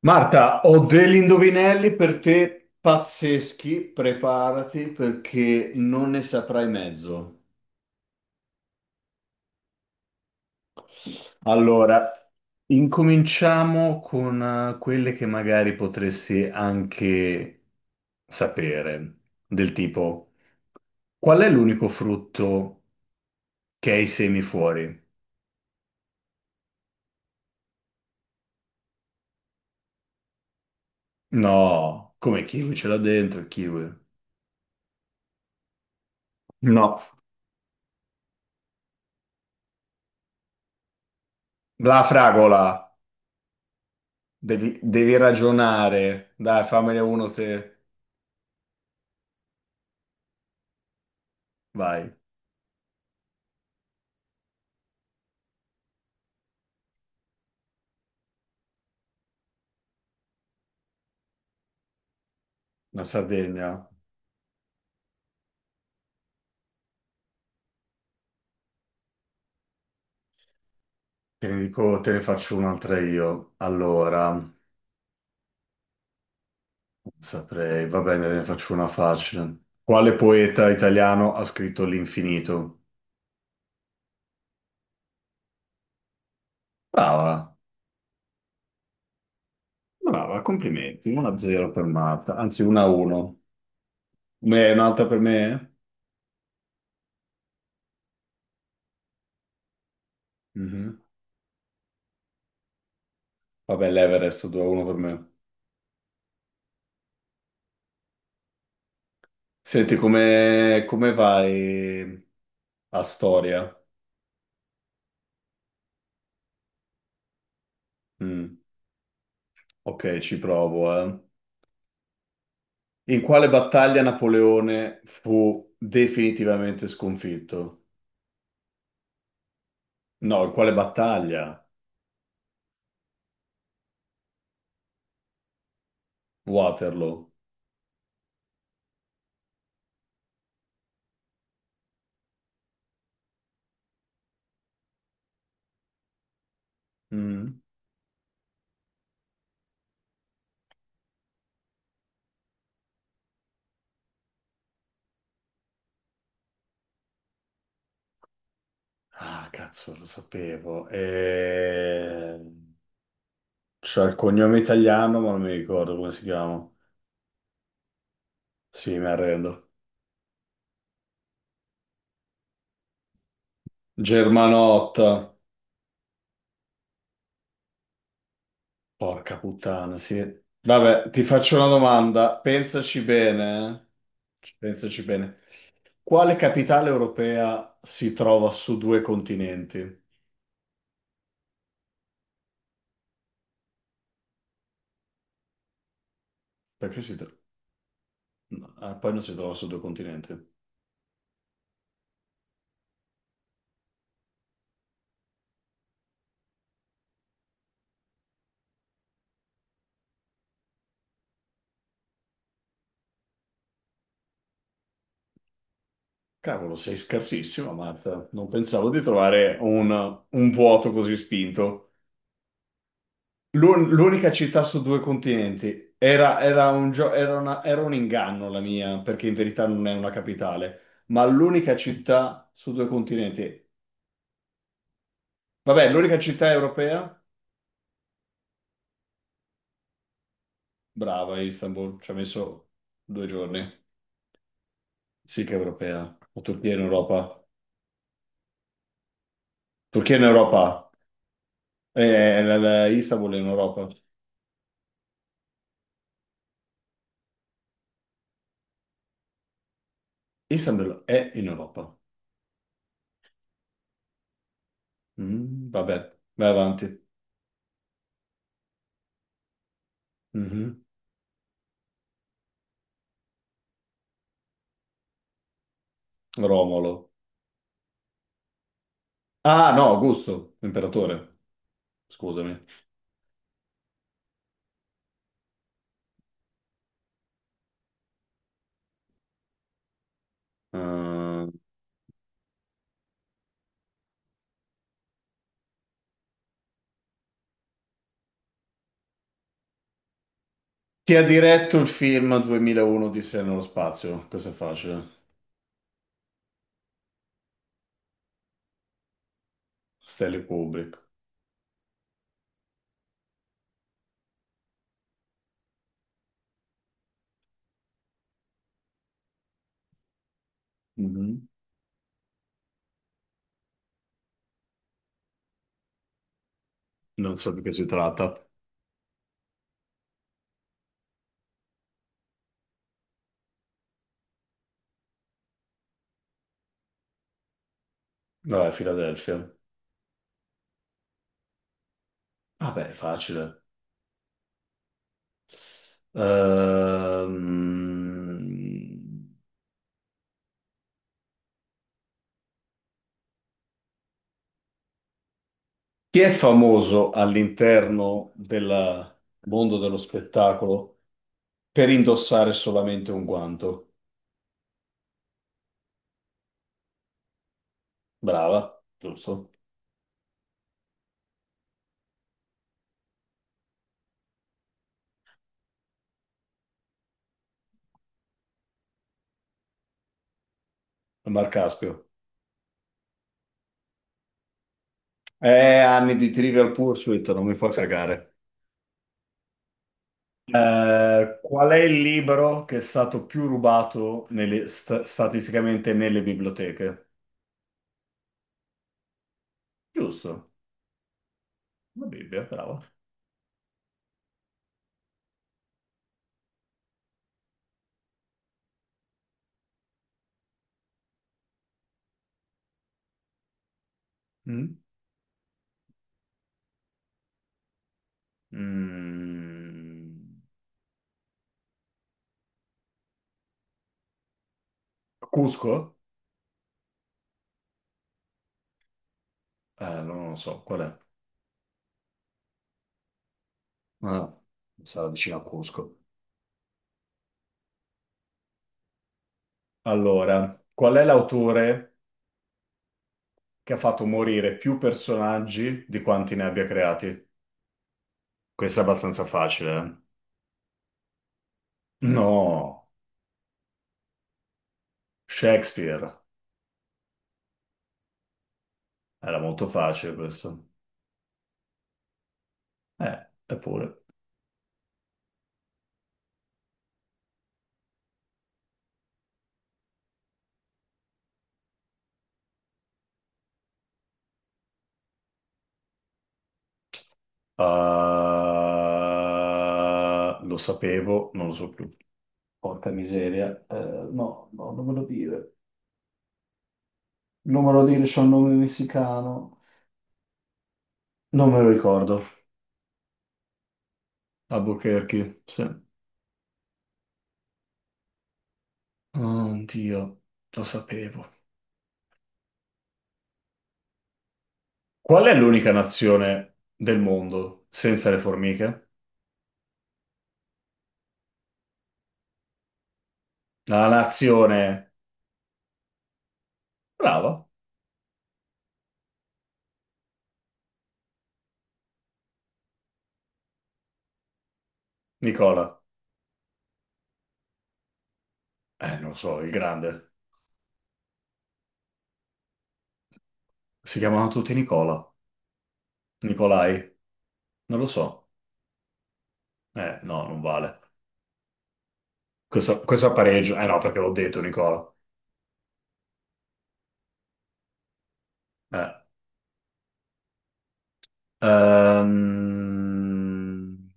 Marta, ho degli indovinelli per te pazzeschi, preparati perché non ne saprai mezzo. Allora, incominciamo con quelle che magari potresti anche sapere, del tipo, qual è l'unico frutto che ha i semi fuori? No, come kiwi ce l'ha dentro il kiwi? No, la fragola, devi ragionare. Dai, fammene uno te, vai. La Sardegna, te ne dico, te ne faccio un'altra io. Allora, non saprei, va bene, te ne faccio una facile. Quale poeta italiano ha scritto L'infinito? Brava, brava, complimenti. 1-0 per Marta, anzi 1-1. Un'altra per me? Mhm. Vabbè, l'Everest 2-1 per me. Senti, come vai a storia? Mm. Ok, ci provo, eh. In quale battaglia Napoleone fu definitivamente sconfitto? No, in quale battaglia? Waterloo. Mm. Ah, cazzo, lo sapevo. E... c'è il cognome italiano, ma non mi ricordo come si chiama. Sì, mi arrendo. Germanotta. Porca puttana, sì. Vabbè, ti faccio una domanda. Pensaci bene, eh? Pensaci bene. Quale capitale europea si trova su due continenti? Perché si trova? Ah, poi non si trova sul due continenti. Cavolo, sei scarsissimo, Marta. Non pensavo di trovare un vuoto così spinto. L'unica città su due continenti era, era un gio- era una- era un inganno la mia, perché in verità non è una capitale, ma l'unica città su due continenti. Vabbè, l'unica città europea? Brava, Istanbul. Ci ha messo due giorni. Sì che è europea. La Turchia è in Europa. Turchia è in Europa. Eh, Istanbul è in Europa. Istanbul è in Europa. Mm, vabbè, vai avanti. Mhm. Romolo. Ah, no, Augusto, imperatore. Scusami. Eh, chi ha diretto il film 2001 di Odissea nello spazio? Questo è facile. Stanley Kubrick. Mhm. Non so di che si tratta. Vabbè, Filadelfia. Vabbè, è facile. Ehm, Chi è famoso all'interno del mondo dello spettacolo? Per indossare solamente un guanto. Brava, giusto. Mar Caspio. Anni di Trivial Pursuit, non mi fa cagare. Qual è il libro che è stato più rubato nelle- sta- statisticamente nelle biblioteche? Giusto, la Bibbia, bravo. Mm. Mm. Cusco? Non lo so, qual è? Ah, sarà vicino a Cusco. Allora, qual è l'autore che ha fatto morire più personaggi di quanti ne abbia creati? Questo è abbastanza facile. No, Shakespeare. Era molto facile questo. Eppure. Ah, lo sapevo, non lo so più. Porca miseria. No, no, non me lo dire. Non me lo dire, c'è un nome messicano. Non me lo ricordo. Albuquerque, sì. Oh, Dio, lo sapevo. Qual è l'unica nazione del mondo senza le formiche? La nazione... brava, Nicola. Non lo so, il grande. Si chiamano tutti Nicola. Nicolai? Non lo so. No, non vale. Questo è pareggio. Eh no, perché l'ho detto, Nicola. Eh. Ehm,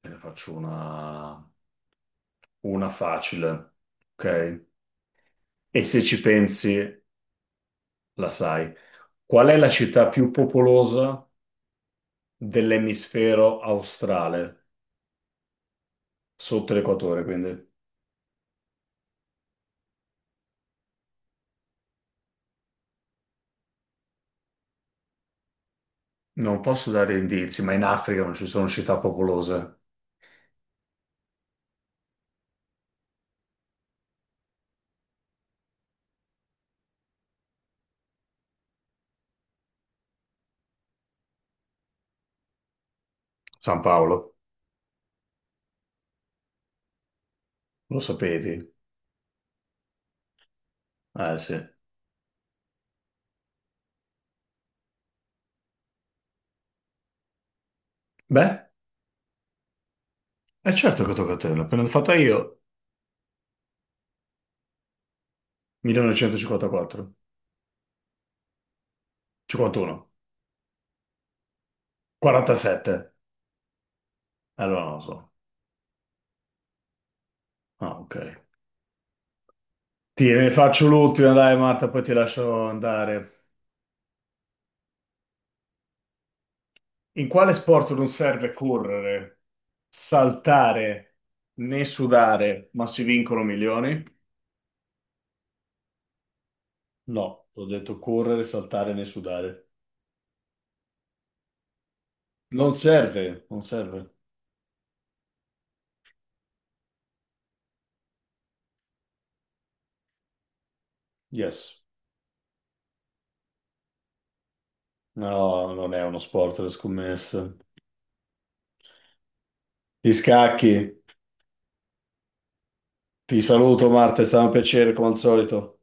Te ne faccio una facile. Ok? E se ci pensi, la sai. Qual è la città più popolosa dell'emisfero australe, sotto l'equatore, quindi non posso dare indizi, ma in Africa non ci sono città popolose. San Paolo, lo sapevi? Eh sì. Beh, è certo che tocca a te, l'ho appena fatta io. 1954, 51, 47. Allora non lo so. Ah, ok. Ti ne faccio l'ultima, dai Marta, poi ti lascio andare. In quale sport non serve correre, saltare né sudare, ma si vincono milioni? No, ho detto correre, saltare né sudare. Non serve, non serve. Yes. No, non è uno sport le scommesse. Gli scacchi. Ti saluto Marta, è stato un piacere come al solito.